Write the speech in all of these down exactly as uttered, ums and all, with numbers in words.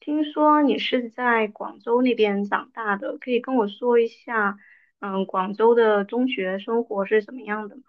听说你是在广州那边长大的，可以跟我说一下，嗯，广州的中学生活是怎么样的吗？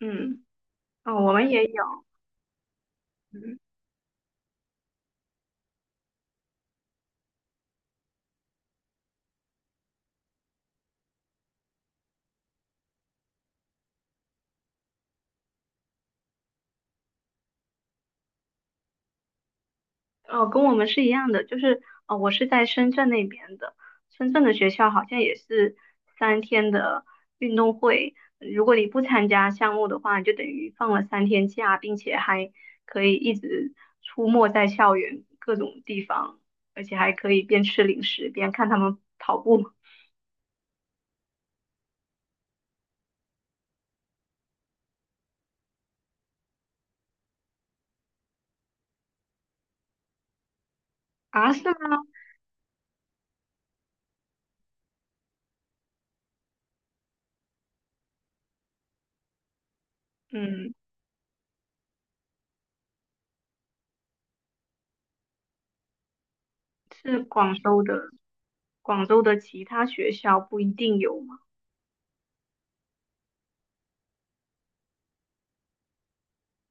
嗯，哦，我们也有，嗯，哦，跟我们是一样的，就是哦，我是在深圳那边的，深圳的学校好像也是三天的运动会，如果你不参加项目的话，你就等于放了三天假，并且还可以一直出没在校园各种地方，而且还可以边吃零食边看他们跑步。啊，是吗？嗯，是广州的，广州的其他学校不一定有吗？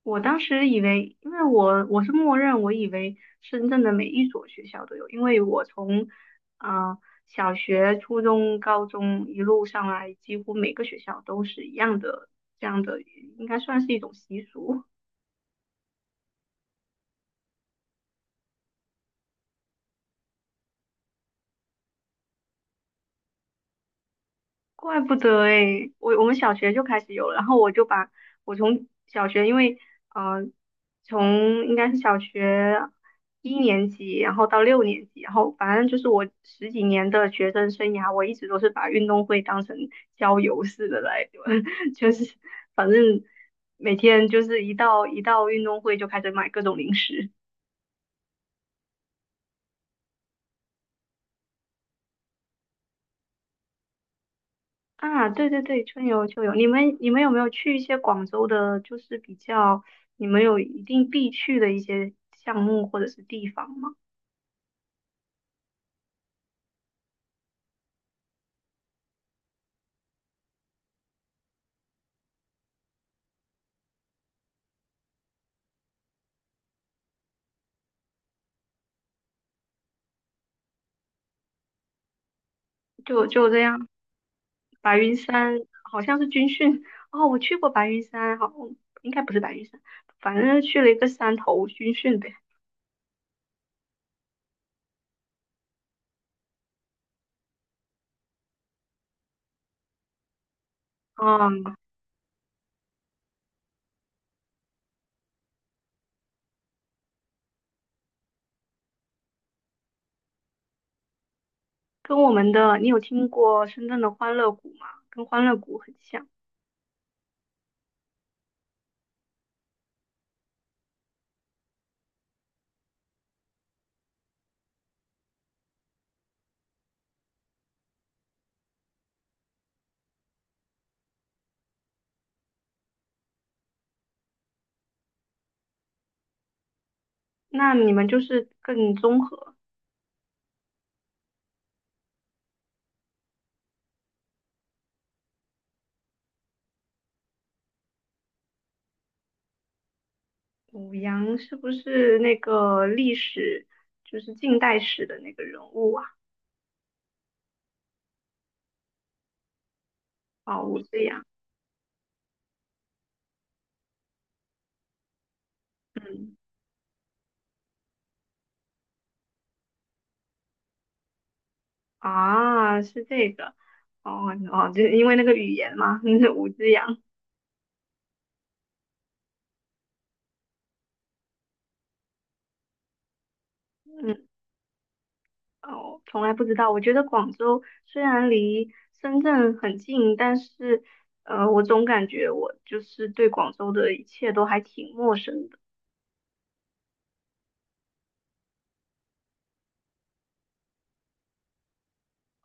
我当时以为，因为我我是默认，我以为深圳的每一所学校都有，因为我从啊、呃小学、初中、高中一路上来，几乎每个学校都是一样的，这样的应该算是一种习俗。怪不得诶，我我们小学就开始有了，然后我就把我从小学，因为呃，从应该是小学一年级，然后到六年级，然后反正就是我十几年的学生生涯，我一直都是把运动会当成郊游似的来，就是反正每天就是一到一到运动会就开始买各种零食。啊，对对对，春游秋游，你们你们有没有去一些广州的，就是比较你们有一定必去的一些项目或者是地方吗？就就这样，白云山好像是军训哦，我去过白云山，好，应该不是白云山，反正去了一个山头军训呗。嗯，跟我们的，你有听过深圳的欢乐谷吗？跟欢乐谷很像，那你们就是更综合。五羊是不是那个历史，就是近代史的那个人物啊？哦，武志扬，嗯，啊，是这个，哦哦，就是因为那个语言嘛，是武志扬，嗯，哦，从来不知道。我觉得广州虽然离深圳很近，但是，呃，我总感觉我就是对广州的一切都还挺陌生的。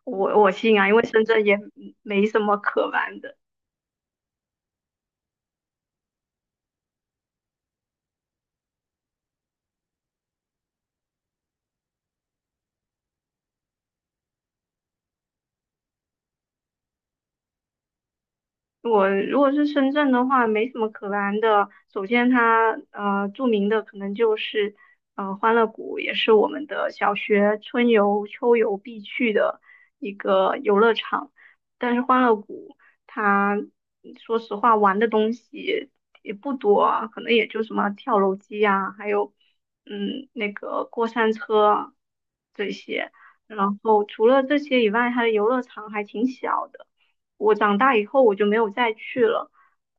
我我信啊，因为深圳也没什么可玩的。我如果是深圳的话，没什么可玩的。首先它，呃著名的可能就是呃欢乐谷，也是我们的小学春游、秋游必去的一个游乐场。但是欢乐谷它说实话玩的东西也不多啊，可能也就什么跳楼机呀、还有嗯那个过山车啊这些。然后除了这些以外，它的游乐场还挺小的。我长大以后我就没有再去了。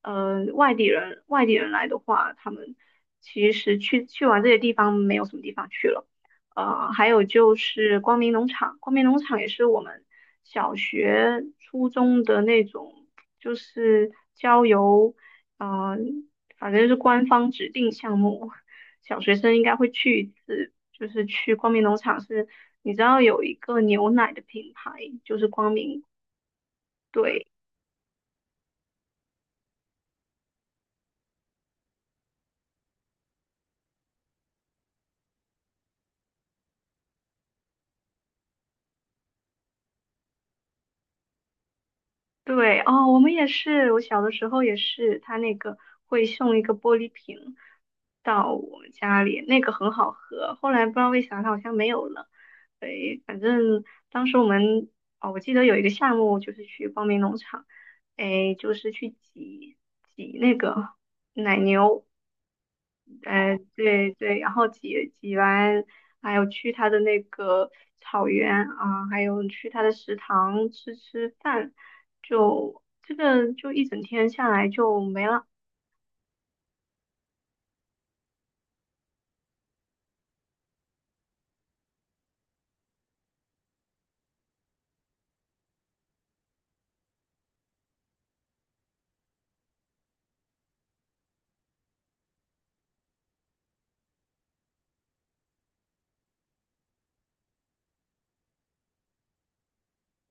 呃，外地人外地人来的话，他们其实去去完这些地方没有什么地方去了。呃，还有就是光明农场，光明农场也是我们小学、初中的那种，就是郊游，嗯、反正是官方指定项目，小学生应该会去一次，就是去光明农场是，你知道有一个牛奶的品牌，就是光明，对，对哦，我们也是，我小的时候也是，他那个会送一个玻璃瓶到我们家里，那个很好喝。后来不知道为啥，它好像没有了。对，反正当时我们哦，我记得有一个项目就是去光明农场，哎，就是去挤挤那个奶牛，哎，对对，然后挤挤完，还有去他的那个草原啊，还有去他的食堂吃吃饭，就这个就一整天下来就没了，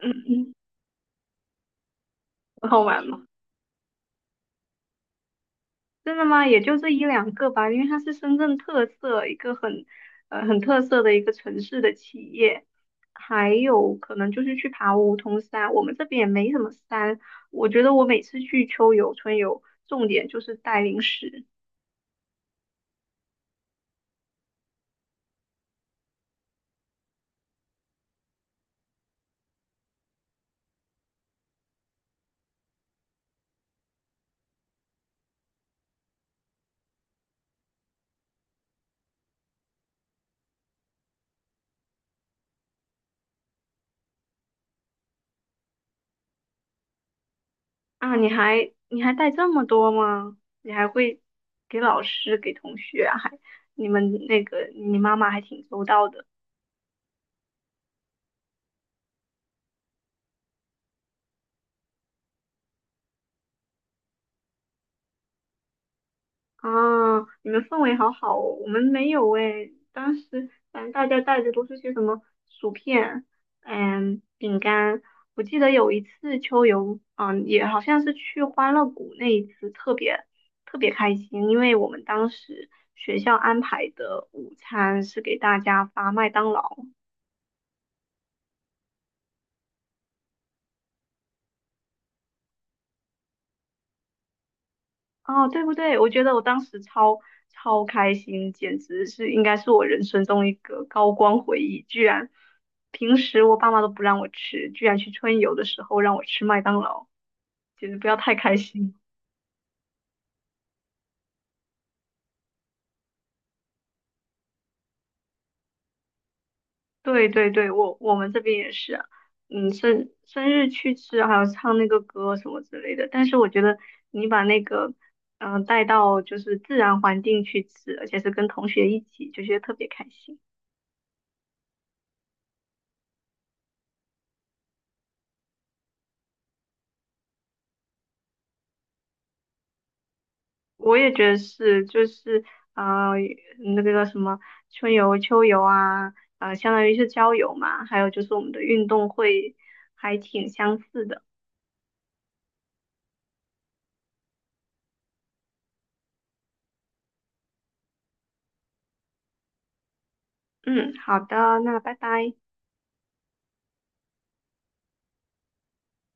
嗯，很好玩吗？真的吗？也就这一两个吧，因为它是深圳特色一个很呃很特色的一个城市的企业，还有可能就是去爬梧桐山，我们这边也没什么山，我觉得我每次去秋游春游，重点就是带零食。啊，你还你还带这么多吗？你还会给老师、给同学啊还你们那个你妈妈还挺周到的啊，你们氛围好好哦，我们没有诶，当时反正大家带的都是些什么薯片、嗯，饼干。我记得有一次秋游，嗯，也好像是去欢乐谷那一次，特别特别开心，因为我们当时学校安排的午餐是给大家发麦当劳。哦，对不对？我觉得我当时超超开心，简直是应该是我人生中一个高光回忆。居然平时我爸妈都不让我吃，居然去春游的时候让我吃麦当劳，简直不要太开心。对对对，我我们这边也是啊嗯，生生日去吃，还有唱那个歌什么之类的。但是我觉得你把那个嗯、呃带到就是自然环境去吃，而且是跟同学一起，就觉得特别开心。我也觉得是，就是呃，那个叫什么春游、秋游啊，呃，相当于是郊游嘛，还有就是我们的运动会还挺相似的。嗯，好的，那拜拜。